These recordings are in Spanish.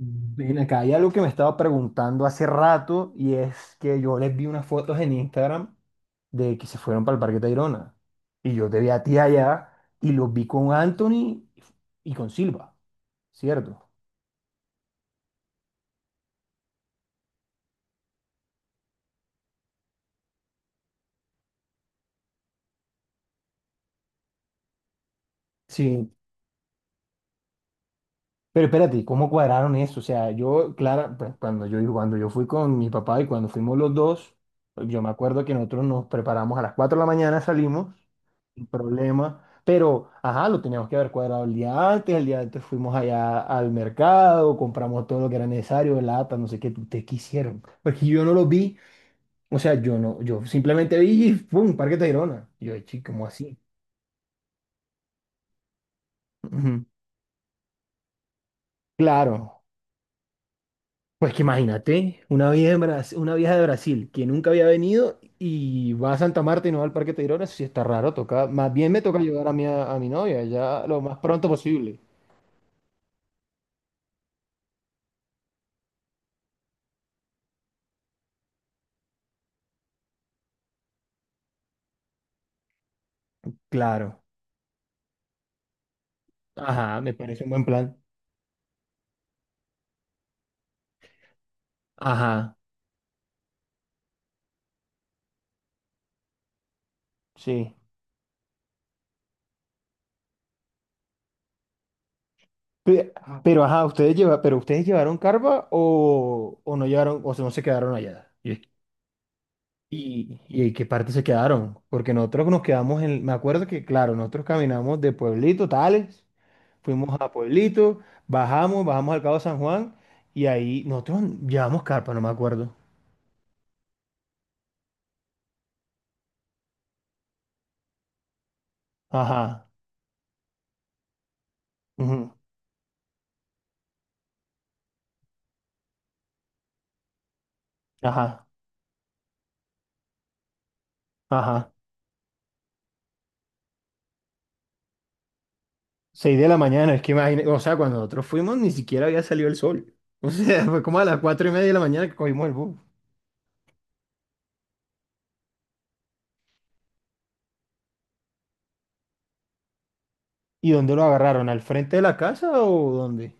Ven acá, hay algo que me estaba preguntando hace rato y es que yo les vi unas fotos en Instagram de que se fueron para el Parque Tayrona y yo te vi a ti allá y los vi con Anthony y con Silva, ¿cierto? Sí, pero espérate, ¿cómo cuadraron eso? O sea, yo, Clara, pues cuando yo fui con mi papá y cuando fuimos los dos, yo me acuerdo que nosotros nos preparamos a las 4 de la mañana, salimos. Un problema. Pero, ajá, lo teníamos que haber cuadrado el día antes. El día antes fuimos allá al mercado, compramos todo lo que era necesario, lata, no sé qué. ¿Ustedes qué hicieron? Porque yo no lo vi. O sea, yo no, yo simplemente vi y ¡pum! Parque Tayrona. Y yo, chico, ¿cómo así? Ujú. Claro. Pues que imagínate, una vieja, una vieja de Brasil que nunca había venido y va a Santa Marta y no va al Parque Tayrona, eso sí está raro, toca, más bien me toca llevar a mi novia ya lo más pronto posible. Claro. Ajá, me parece un buen plan. Ajá. Sí. Pe- Pero, ajá, pero ustedes llevaron carpa o no llevaron, o sea, no se quedaron allá. Y- ¿Y en qué parte se quedaron? Porque nosotros nos quedamos en, me acuerdo que, claro, nosotros caminamos de Pueblito, Tales, fuimos a Pueblito, bajamos al Cabo San Juan y ahí nosotros llevamos carpa, no me acuerdo. Ajá, ujú, ajá, ajá. Seis de la mañana, es que imagínate, o sea, cuando nosotros fuimos ni siquiera había salido el sol. O sea, fue como a las 4:30 de la mañana que cogimos el bus. ¿Y dónde lo agarraron? ¿Al frente de la casa o dónde?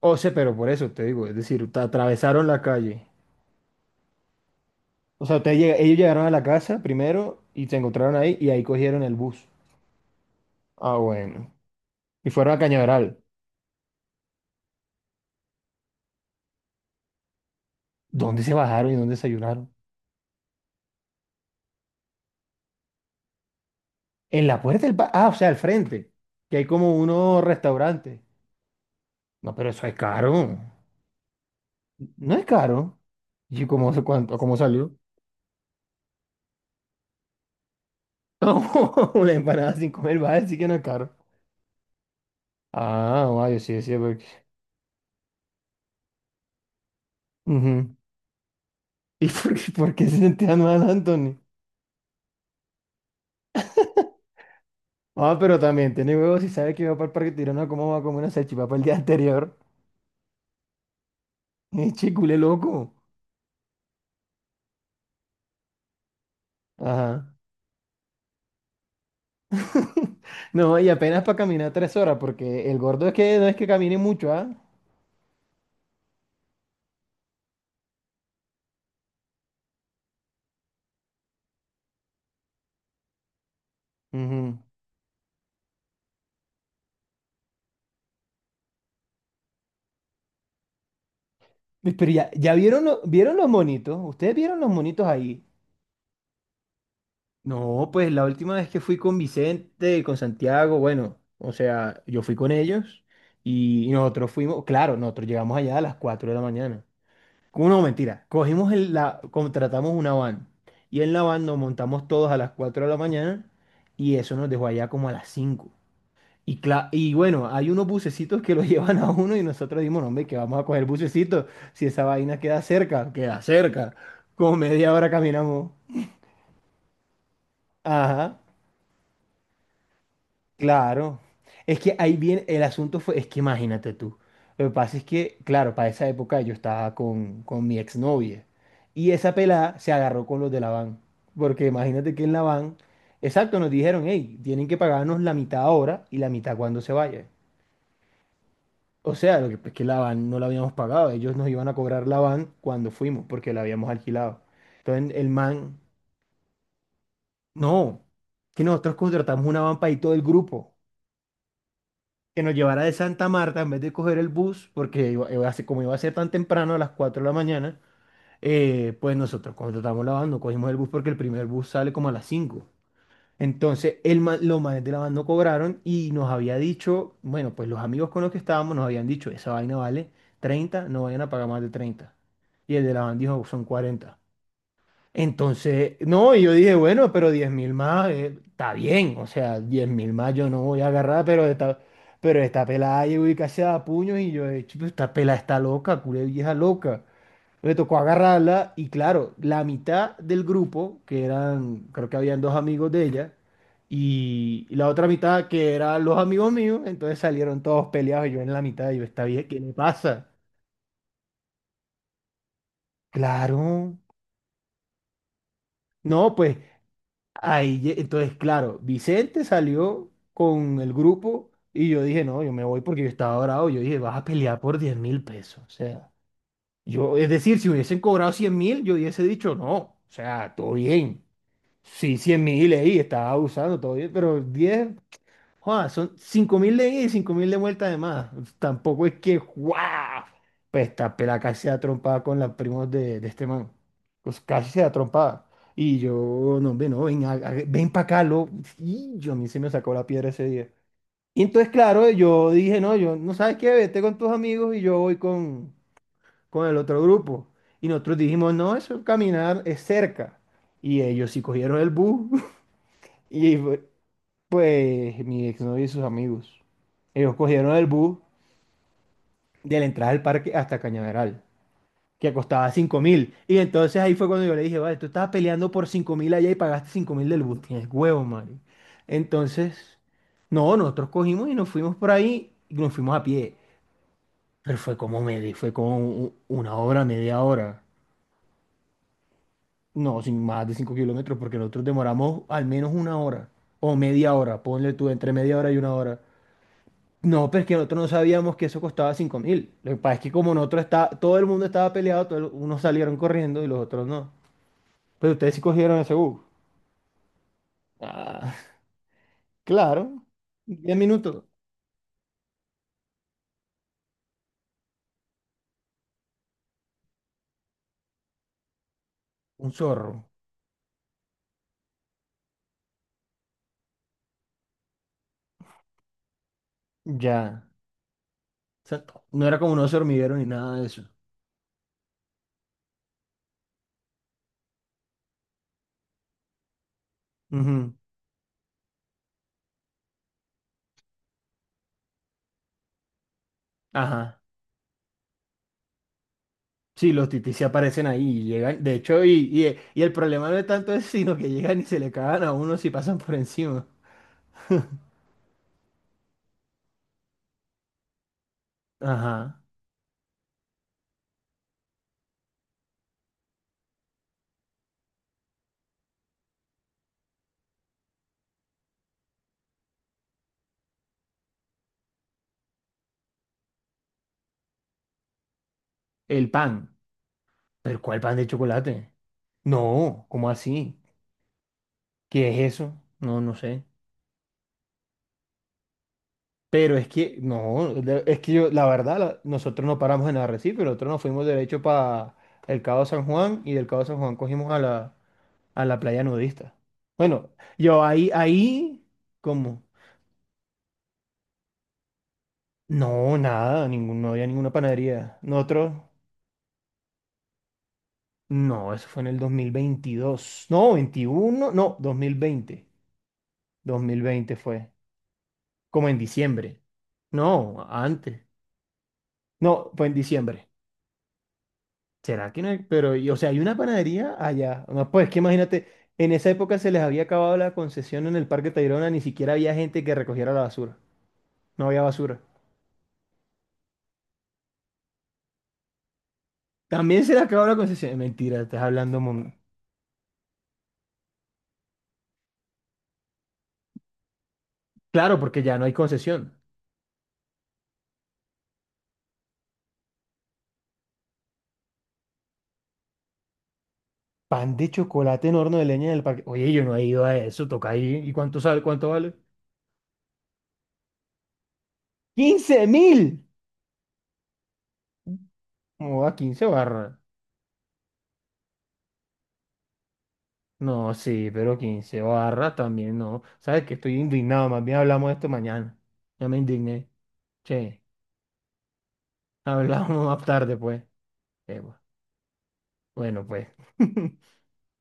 O sea, pero por eso te digo, es decir, te atravesaron la calle. O sea, ellos llegaron a la casa primero y se encontraron ahí y ahí cogieron el bus. Ah, bueno. Y fueron a Cañaveral. ¿Dónde se bajaron y dónde desayunaron? En la puerta del bar. Ah, o sea, al frente. Que hay como unos restaurantes. No, pero eso es caro. No es caro. ¿Y cómo, cuánto, cómo salió? Una empanada sin comer, vale, sí que no es caro. Ah, vaya, sí, sí, porque... Ujú. ¿Y por qué se sentía mal, Anthony? Ah, pero también tiene huevos y sabe que va para el Parque Tirano cómo va a comer una salchipapa el día anterior. Es chicule loco. Ajá. No, y apenas para caminar 3 horas, porque el gordo es que no es que camine mucho, ¿ah? Ujú. Pero ya, ya vieron, vieron los monitos. ¿Ustedes vieron los monitos ahí? No, pues la última vez que fui con Vicente, con Santiago, bueno, o sea, yo fui con ellos y nosotros fuimos, claro, nosotros llegamos allá a las 4 de la mañana. No, mentira. Cogimos contratamos una van. Y en la van nos montamos todos a las 4 de la mañana y eso nos dejó allá como a las 5. Y bueno, hay unos bucecitos que lo llevan a uno y nosotros dimos, "No, hombre, que vamos a coger bucecito. Si esa vaina queda cerca, queda cerca." Como media hora caminamos. Ajá. Claro, es que ahí viene, el asunto fue, es que imagínate tú, lo que pasa es que, claro, para esa época yo estaba con mi exnovia y esa pelada se agarró con los de la van, porque imagínate que en la van, exacto, nos dijeron, "Hey, tienen que pagarnos la mitad ahora y la mitad cuando se vaya." O sea, lo que es que la van no la habíamos pagado, ellos nos iban a cobrar la van cuando fuimos, porque la habíamos alquilado. Entonces el man, no, que nosotros contratamos una van para ir todo el grupo. Que nos llevara de Santa Marta en vez de coger el bus, porque como iba a ser tan temprano, a las 4 de la mañana, pues nosotros contratamos la van, no cogimos el bus porque el primer bus sale como a las 5. Entonces, los manes de la van no cobraron y nos había dicho, bueno, pues los amigos con los que estábamos nos habían dicho, esa vaina vale 30, no vayan a pagar más de 30. Y el de la van dijo, son 40, entonces, no, y yo dije, bueno, pero 10.000 más está bien, o sea, 10.000 más yo no voy a agarrar, pero esta pelada llegó y casi a puños y yo, "Chuta, esta pelada está loca, culé vieja loca." Me tocó agarrarla y claro, la mitad del grupo, que eran, creo que habían dos amigos de ella, y la otra mitad que eran los amigos míos, entonces salieron todos peleados y yo en la mitad, y yo, esta vieja, ¿qué le pasa? Claro, no, pues. Ahí, entonces, claro, Vicente salió con el grupo y yo dije, no, yo me voy porque yo estaba bravo. Yo dije, vas a pelear por 10.000 pesos. O sea, yo, es decir, si hubiesen cobrado 100.000, yo hubiese dicho, no, o sea, todo bien. Sí, 100.000, ahí, estaba abusando, todo bien, pero diez. Joa, son 5.000 de ida y 5.000 de vuelta además. Tampoco es que, ¡guau! Pues esta pela casi se da trompada con los primos de este man. Pues casi se da trompada. Y yo, no, ven, no, ven, ven para acá, lo. Y yo a mí se me sacó la piedra ese día. Y entonces, claro, yo dije, no, yo, no sabes qué, vete con tus amigos y yo voy con el otro grupo. Y nosotros dijimos, no, eso caminar es cerca. Y ellos sí cogieron el bus. Y, pues mi exnovio y sus amigos. Ellos cogieron el bus de la entrada del parque hasta Cañaveral, que costaba 5.000. Y entonces ahí fue cuando yo le dije, vale, tú estabas peleando por 5.000 allá y pagaste 5.000 del bus. Tienes huevo, Mario. Entonces, no, nosotros cogimos y nos fuimos por ahí y nos fuimos a pie. Pero fue como media, fue como una hora, media hora. No, sin más de 5 kilómetros, porque nosotros demoramos al menos una hora o media hora. Ponle tú entre media hora y una hora. No, pero es que nosotros no sabíamos que eso costaba 5.000. Lo que pasa es que como nosotros está, todo el mundo estaba peleado, unos salieron corriendo y los otros no. Pero ustedes sí cogieron ese bus. Ah, claro. 10 minutos. Un zorro. Ya. Exacto. No era como unos hormigueros ni nada de eso. Ujú. Ajá. Sí, los titis se aparecen ahí y llegan. De hecho, y el problema no es tanto eso, sino que llegan y se le cagan a uno si pasan por encima. Ajá. El pan. ¿Pero cuál pan de chocolate? No, ¿cómo así? ¿Qué es eso? No, no sé. Pero es que, no, es que yo, la verdad, nosotros no paramos en Arrecife, nosotros nos fuimos derecho para el Cabo San Juan y del Cabo San Juan cogimos a la, playa nudista. Bueno, yo ahí, ¿cómo? No, nada, ningún, no había ninguna panadería. Nosotros, no, eso fue en el 2022. No, 21, no, 2020. 2020 fue, como en diciembre. No, antes. No, fue en diciembre. ¿Será que no hay? Pero, y- o sea, hay una panadería allá. No, pues es que imagínate, en esa época se les había acabado la concesión en el Parque Tayrona, ni siquiera había gente que recogiera la basura. No había basura. También se les acabó la concesión. Mentira, estás hablando. Mon-. Claro, porque ya no hay concesión. Pan de chocolate en horno de leña en el parque. Oye, yo no he ido a eso, toca ahí. ¿Y cuánto sale? ¿Cuánto vale? ¡15.000! ¿Cómo va 15 barras? No, sí, pero 15 barras también no. ¿Sabes que estoy indignado? Más bien hablamos de esto mañana. Ya me indigné. Che. Hablamos más tarde, pues. Eh, Bueno, pues.